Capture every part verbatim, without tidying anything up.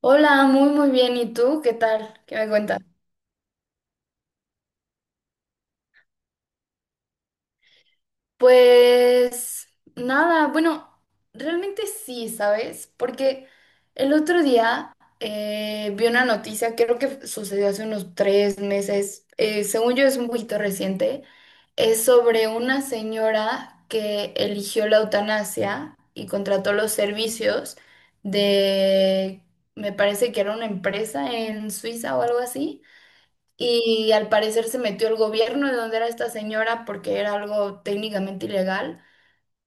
Hola, muy muy bien. ¿Y tú? ¿Qué tal? ¿Qué me cuentas? Pues nada, bueno, realmente sí, ¿sabes? Porque el otro día eh, vi una noticia, creo que sucedió hace unos tres meses. Eh, según yo es un poquito reciente, es sobre una señora que eligió la eutanasia y contrató los servicios de... Me parece que era una empresa en Suiza o algo así. Y al parecer se metió el gobierno de donde era esta señora porque era algo técnicamente ilegal.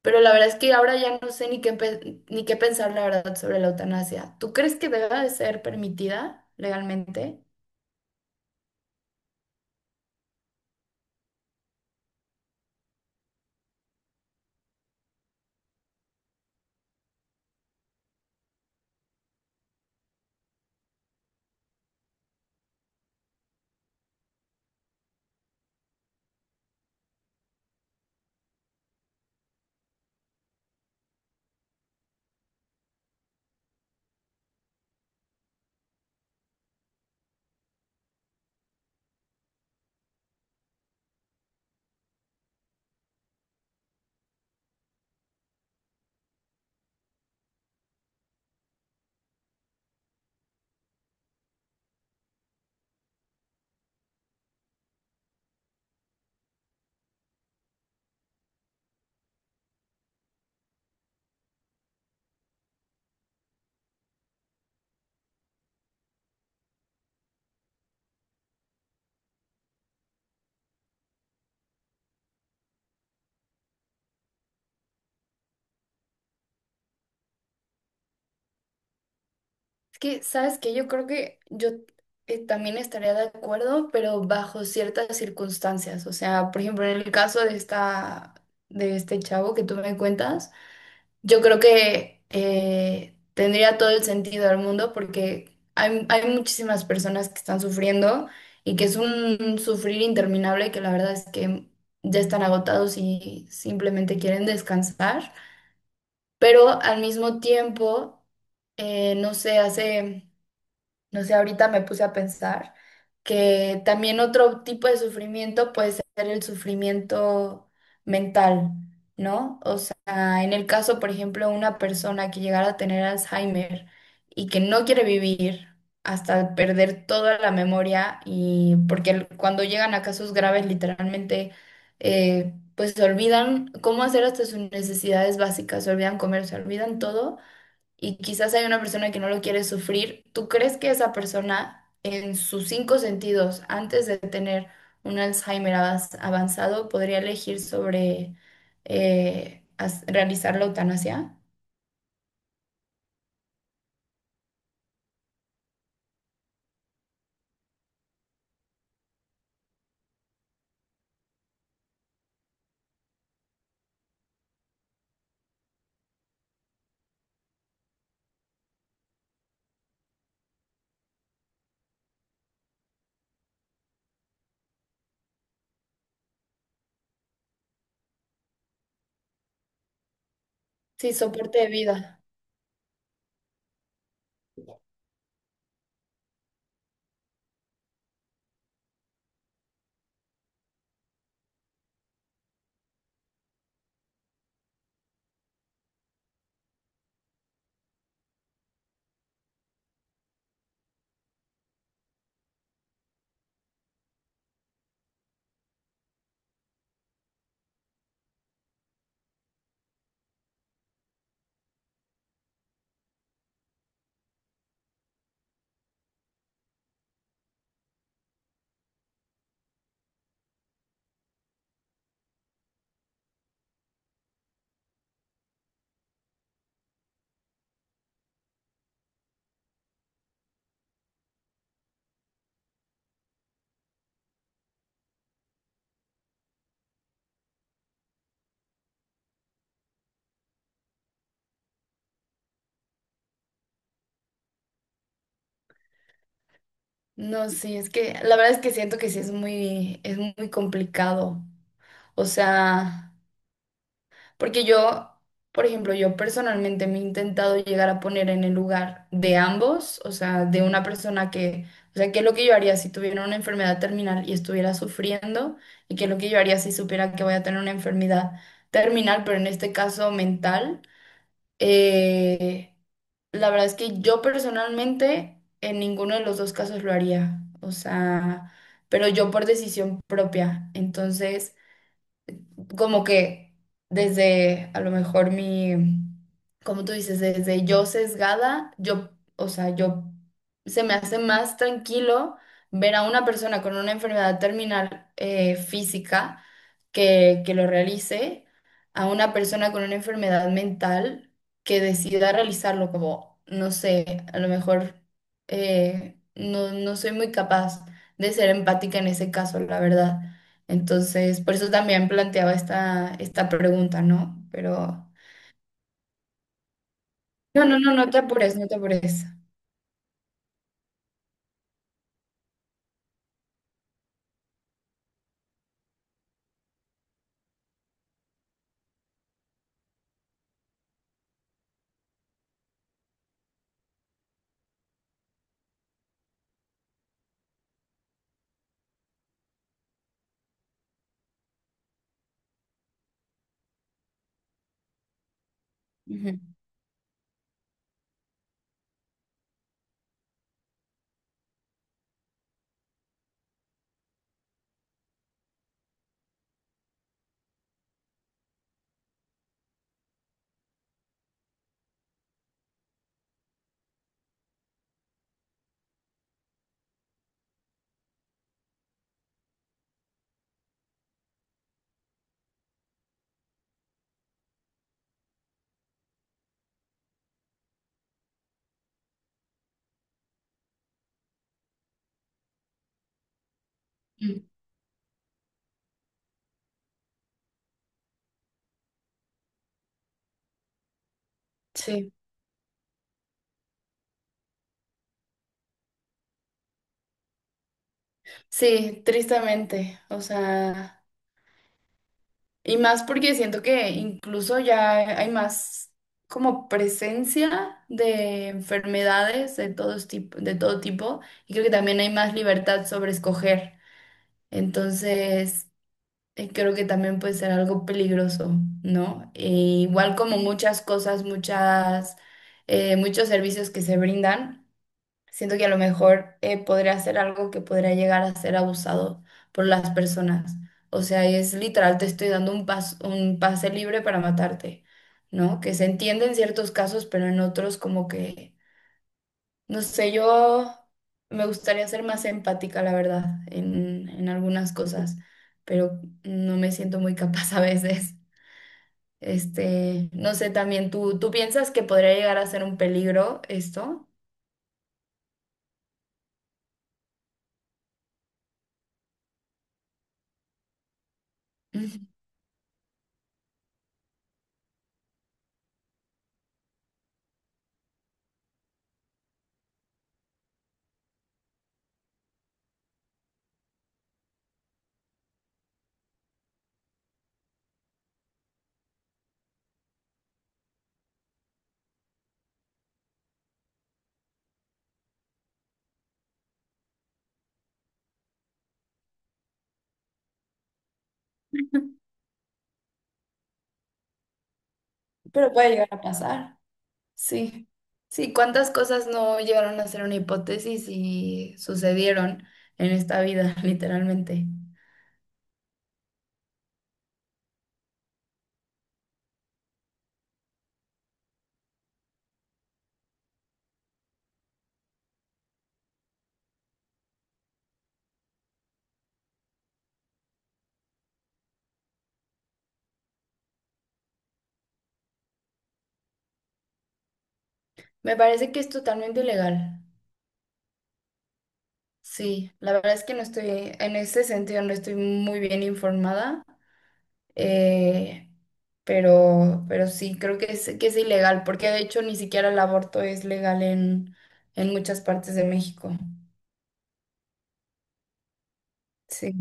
Pero la verdad es que ahora ya no sé ni qué, pe- ni qué pensar, la verdad, sobre la eutanasia. ¿Tú crees que deba de ser permitida legalmente? Es que, ¿sabes qué? Yo creo que yo eh, también estaría de acuerdo, pero bajo ciertas circunstancias. O sea, por ejemplo, en el caso de esta, de este chavo que tú me cuentas. Yo creo que eh, tendría todo el sentido del mundo, porque hay, hay muchísimas personas que están sufriendo y que es un sufrir interminable, que la verdad es que ya están agotados y simplemente quieren descansar. Pero al mismo tiempo, eh, no sé, hace... No sé, ahorita me puse a pensar que también otro tipo de sufrimiento puede ser el sufrimiento mental, ¿no? O sea, en el caso, por ejemplo, de una persona que llegara a tener Alzheimer y que no quiere vivir hasta perder toda la memoria, y porque el- cuando llegan a casos graves, literalmente, eh, pues se olvidan cómo hacer hasta sus necesidades básicas, se olvidan comer, se olvidan todo, y quizás hay una persona que no lo quiere sufrir. ¿Tú crees que esa persona en sus cinco sentidos, antes de tener un Alzheimer avas- avanzado, podría elegir sobre eh, as- realizar la eutanasia? Sí, soporte de vida. No, sí, es que la verdad es que siento que sí es muy, es muy complicado. O sea... Porque yo, por ejemplo, yo personalmente me he intentado llegar a poner en el lugar de ambos, o sea, de una persona que... O sea, qué es lo que yo haría si tuviera una enfermedad terminal y estuviera sufriendo, y qué es lo que yo haría si supiera que voy a tener una enfermedad terminal, pero en este caso mental. Eh, la verdad es que yo personalmente en ninguno de los dos casos lo haría, o sea, pero yo por decisión propia. Entonces como que desde a lo mejor mi, como tú dices, desde yo sesgada, yo, o sea, yo se me hace más tranquilo ver a una persona con una enfermedad terminal eh, física que, que lo realice, a una persona con una enfermedad mental que decida realizarlo, como, no sé, a lo mejor eh, no, no soy muy capaz de ser empática en ese caso, la verdad. Entonces, por eso también planteaba esta, esta pregunta, ¿no? Pero no, no, no, no te apures, no te apures. Ujú. Mm. Sí, sí, tristemente. O sea, y más porque siento que incluso ya hay más como presencia de enfermedades de todos tipo, de todo tipo, y creo que también hay más libertad sobre escoger. Entonces, eh, creo que también puede ser algo peligroso, ¿no? E igual como muchas cosas, muchas, eh, muchos servicios que se brindan, siento que a lo mejor eh, podría ser algo que podría llegar a ser abusado por las personas. O sea, es literal, te estoy dando un pas- un pase libre para matarte, ¿no? Que se entiende en ciertos casos, pero en otros como que no sé, yo me gustaría ser más empática, la verdad, en, en algunas cosas, pero no me siento muy capaz a veces. Este, no sé, también tú, ¿tú piensas que podría llegar a ser un peligro esto? Pero puede llegar a pasar. Sí. Sí, ¿cuántas cosas no llegaron a ser una hipótesis y sucedieron en esta vida, literalmente? Me parece que es totalmente ilegal. Sí, la verdad es que no estoy, en ese sentido no estoy muy bien informada, eh, pero, pero sí, creo que es, que es ilegal, porque de hecho ni siquiera el aborto es legal en, en muchas partes de México. Sí,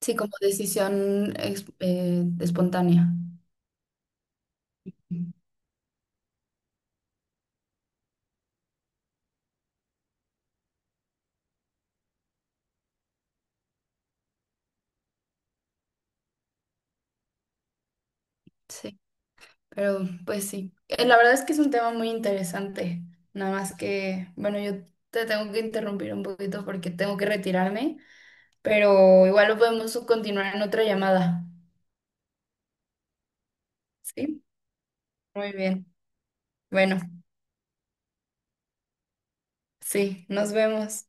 sí, como decisión ex- eh, espontánea. Ujú. Sí, pero pues sí. Eh, la verdad es que es un tema muy interesante, nada más que, bueno, yo te tengo que interrumpir un poquito porque tengo que retirarme. Pero igual lo podemos continuar en otra llamada. ¿Sí? Muy bien. Bueno, sí, nos vemos.